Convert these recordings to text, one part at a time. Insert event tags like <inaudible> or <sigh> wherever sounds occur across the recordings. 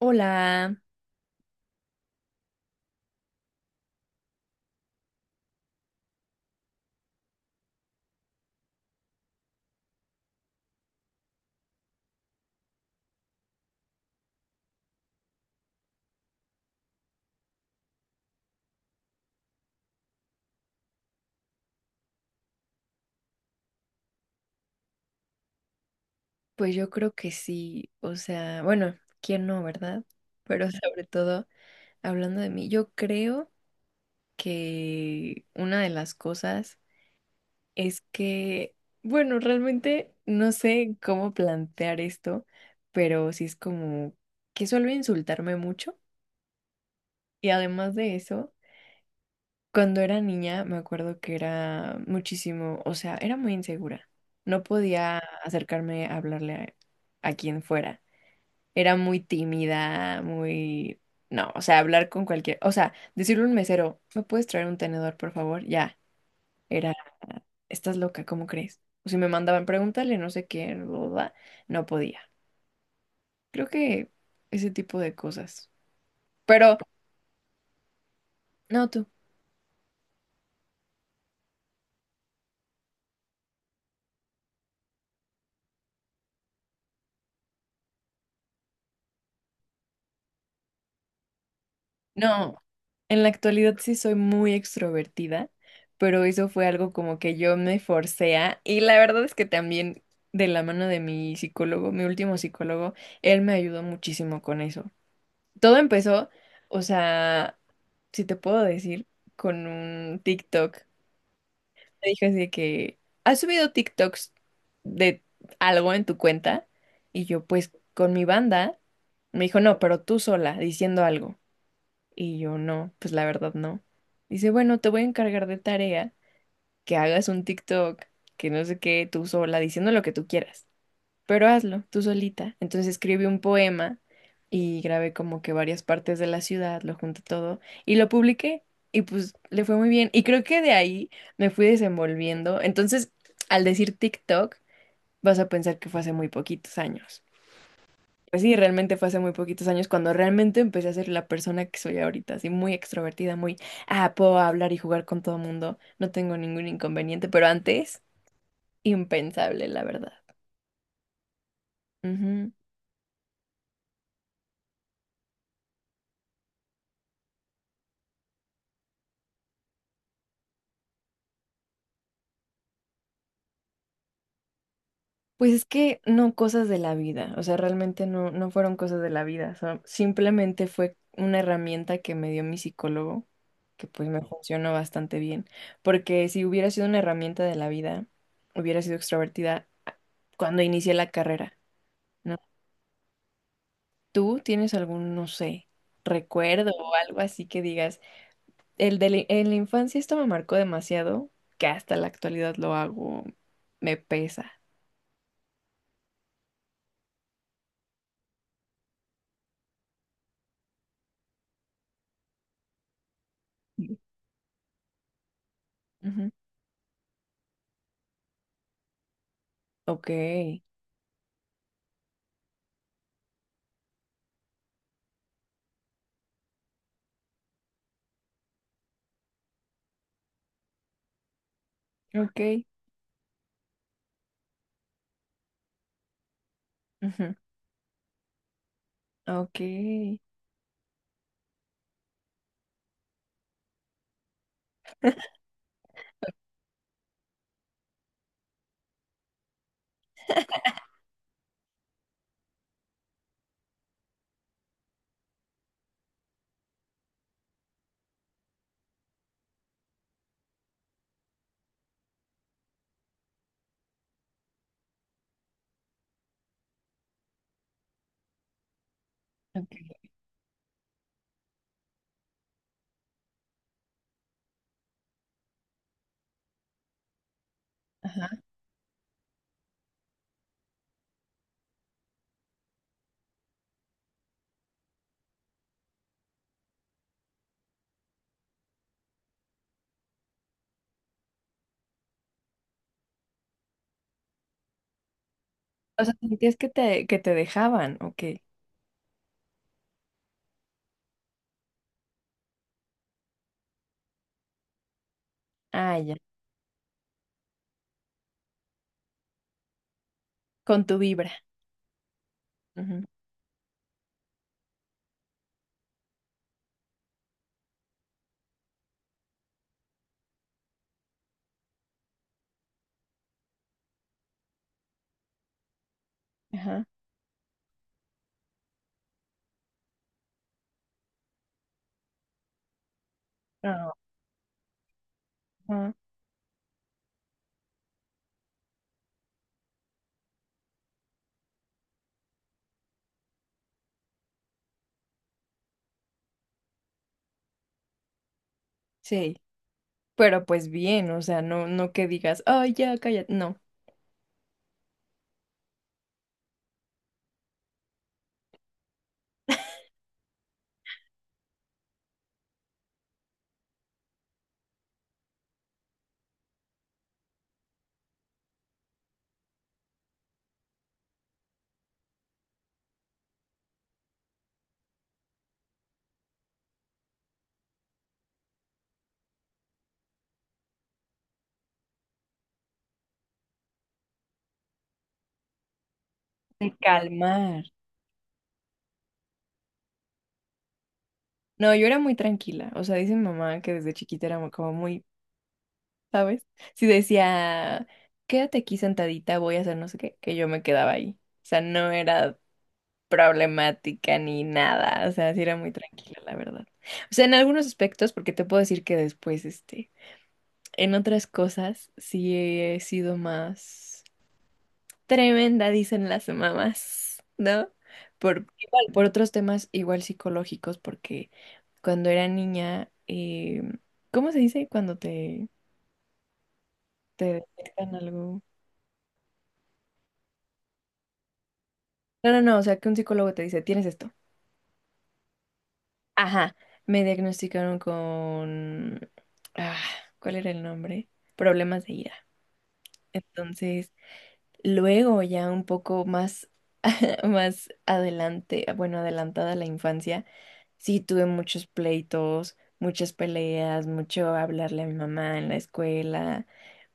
Hola, pues yo creo que sí, o sea, bueno, ¿quién no, verdad? Pero sobre todo, hablando de mí, yo creo que una de las cosas es que, bueno, realmente no sé cómo plantear esto, pero sí es como que suelo insultarme mucho y además de eso, cuando era niña me acuerdo que era muchísimo, o sea, era muy insegura, no podía acercarme a hablarle a quien fuera. Era muy tímida, muy. No, o sea, hablar con cualquier. O sea, decirle a un mesero, ¿me puedes traer un tenedor, por favor? Ya, era, estás loca, ¿cómo crees? O si me mandaban preguntarle, no sé qué, bla, bla, bla, no podía. Creo que ese tipo de cosas. Pero, no tú. No, en la actualidad sí soy muy extrovertida, pero eso fue algo como que yo me forcé a. Y la verdad es que también de la mano de mi psicólogo, mi último psicólogo, él me ayudó muchísimo con eso. Todo empezó, o sea, si te puedo decir, con un TikTok. Me dijo así de que, ¿has subido TikToks de algo en tu cuenta? Y yo, pues, con mi banda. Me dijo, no, pero tú sola, diciendo algo. Y yo, no, pues la verdad no. Dice, bueno, te voy a encargar de tarea que hagas un TikTok, que no sé qué, tú sola, diciendo lo que tú quieras pero hazlo tú solita. Entonces escribí un poema y grabé como que varias partes de la ciudad, lo junté todo y lo publiqué y pues le fue muy bien. Y creo que de ahí me fui desenvolviendo. Entonces, al decir TikTok, vas a pensar que fue hace muy poquitos años. Pues sí, realmente fue hace muy poquitos años cuando realmente empecé a ser la persona que soy ahorita, así muy extrovertida, muy, ah, puedo hablar y jugar con todo mundo, no tengo ningún inconveniente, pero antes, impensable, la verdad. Pues es que no cosas de la vida, o sea, realmente no, no fueron cosas de la vida, simplemente fue una herramienta que me dio mi psicólogo, que pues me funcionó bastante bien, porque si hubiera sido una herramienta de la vida, hubiera sido extrovertida cuando inicié la carrera, ¿no? ¿Tú tienes algún, no sé, recuerdo o algo así que digas, en la infancia esto me marcó demasiado, que hasta la actualidad lo hago, me pesa? Ujú. Ok, ok. Ujú. Ok, ok, ajá. O sea, sentías que te, dejaban, ok. Ah, ya, con tu vibra. Ujú. Ajá. Ah, ajá. Sí, pero pues bien, o sea, no, no que digas, ay, ya, cállate, no. De calmar. No, yo era muy tranquila. O sea, dice mi mamá que desde chiquita era como muy, ¿sabes? Si decía, quédate aquí sentadita, voy a hacer no sé qué, que yo me quedaba ahí. O sea, no era problemática ni nada, o sea, sí era muy tranquila, la verdad. O sea, en algunos aspectos, porque te puedo decir que después, este, en otras cosas, sí he sido más tremenda, dicen las mamás, ¿no? Por, igual, por otros temas igual psicológicos, porque cuando era niña, ¿cómo se dice cuando te detectan algo? No, no, no, o sea, que un psicólogo te dice, tienes esto. Ajá, me diagnosticaron con. Ah, ¿cuál era el nombre? Problemas de ira. Entonces, luego ya un poco más, <laughs> más adelante, bueno, adelantada la infancia, sí tuve muchos pleitos, muchas peleas, mucho hablarle a mi mamá en la escuela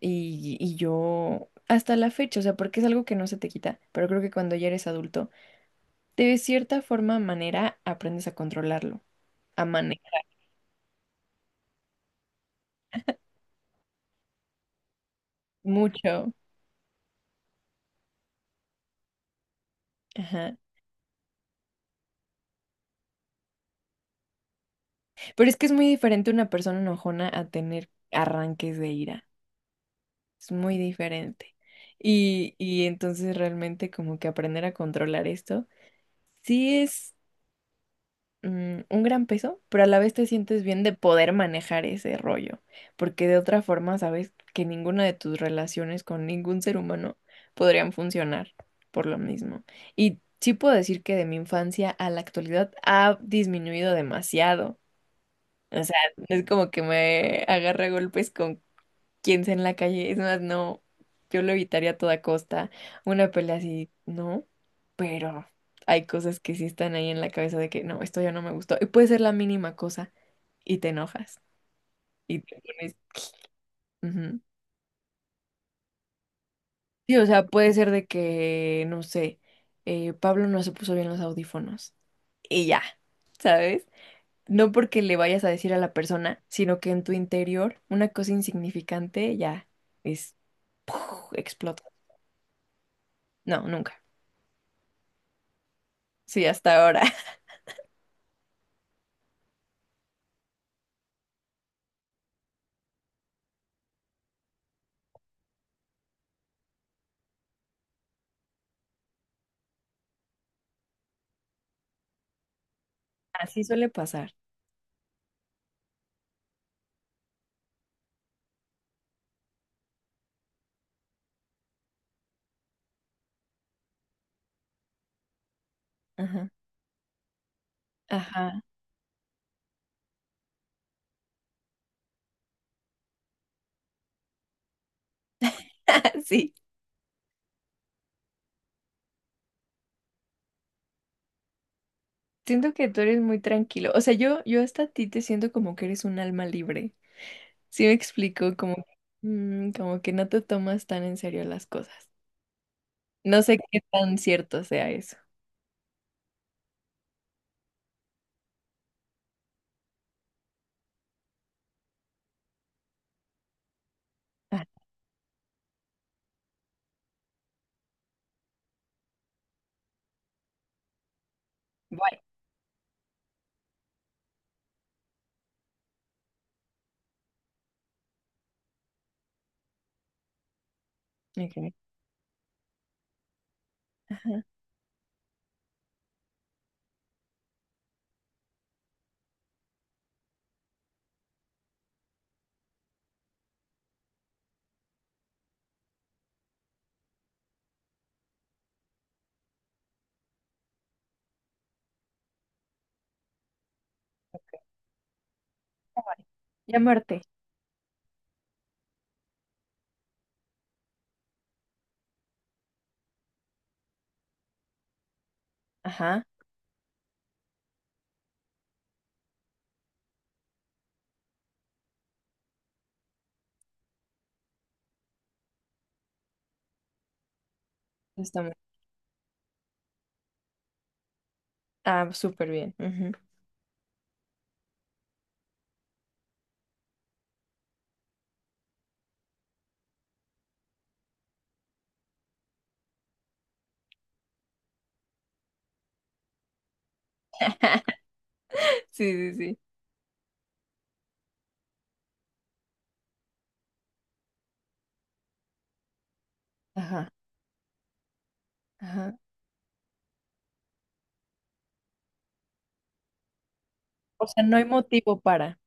y yo. Hasta la fecha, o sea, porque es algo que no se te quita, pero creo que cuando ya eres adulto, de cierta forma, manera, aprendes a controlarlo, a manejar mucho. Ajá. Pero es que es muy diferente una persona enojona a tener arranques de ira. Es muy diferente. Y entonces realmente como que aprender a controlar esto sí es un gran peso, pero a la vez te sientes bien de poder manejar ese rollo, porque de otra forma sabes que ninguna de tus relaciones con ningún ser humano podrían funcionar por lo mismo. Y sí puedo decir que de mi infancia a la actualidad ha disminuido demasiado. O sea, no es como que me agarra a golpes con quien sea en la calle. Es más, no, yo lo evitaría a toda costa. Una pelea así, no. Pero hay cosas que sí están ahí en la cabeza de que no, esto ya no me gustó. Y puede ser la mínima cosa y te enojas y te pones. Ujú. Sí, o sea, puede ser de que, no sé, Pablo no se puso bien los audífonos y ya, ¿sabes? No porque le vayas a decir a la persona, sino que en tu interior una cosa insignificante ya, es, explota. No, nunca. Sí, hasta ahora. <laughs> Así suele pasar. Ajá. Ajá. <laughs> Sí. Siento que tú eres muy tranquilo. O sea, yo hasta a ti te siento como que eres un alma libre. Sí me explico, como que no te tomas tan en serio las cosas. No sé qué tan cierto sea eso. Ah, bueno. Ok. Ajá. Ya muerte. Ajá. Está mu- Ah, súper bien. Ujú. <laughs> Sí, sí, sí. Ajá. Ajá. O sea, no hay motivo para.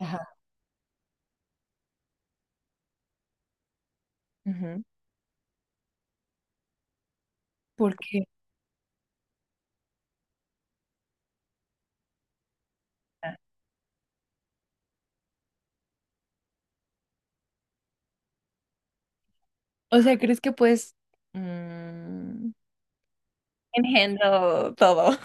Ajá. Ujú. ¿Por qué? O sea, ¿crees que puedes mm, Engendro todo.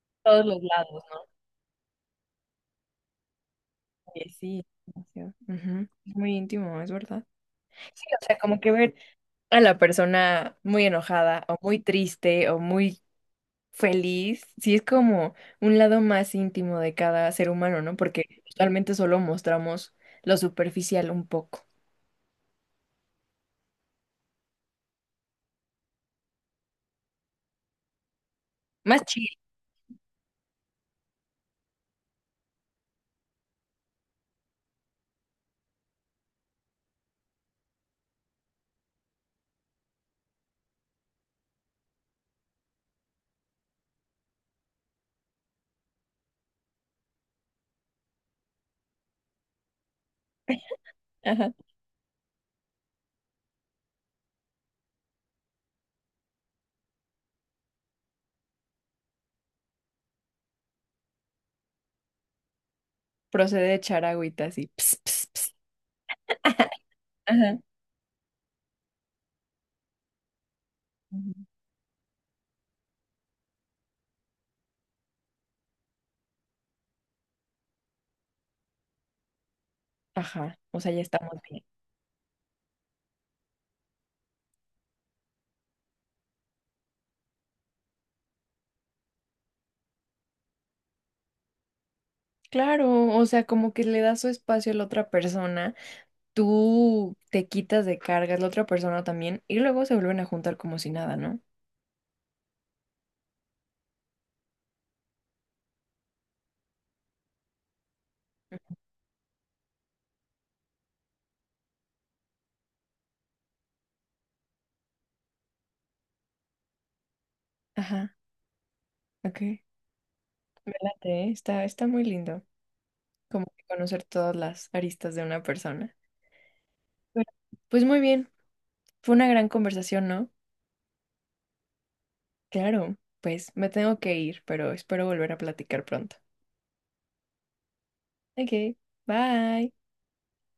<laughs> Todos los lados, ¿no? Oye, sí, demasiado. Ujú. Es muy íntimo, es verdad. Sí, o sea, como que ver a la persona muy enojada o muy triste o muy feliz, sí es como un lado más íntimo de cada ser humano, ¿no? Porque usualmente solo mostramos lo superficial un poco. Más chill. Ajá. Procede de echar agüita así. Ps, ps, ps. <laughs> Ajá. Ujú. Ajá. O sea, ya estamos bien. Claro, o sea, como que le das su espacio a la otra persona, tú te quitas de cargas, la otra persona también, y luego se vuelven a juntar como si nada, ¿no? Ajá, ok. Me late, ¿eh? Está, está muy lindo, como que conocer todas las aristas de una persona. Bueno, pues muy bien, fue una gran conversación, ¿no? Claro, pues me tengo que ir, pero espero volver a platicar pronto. Ok, bye.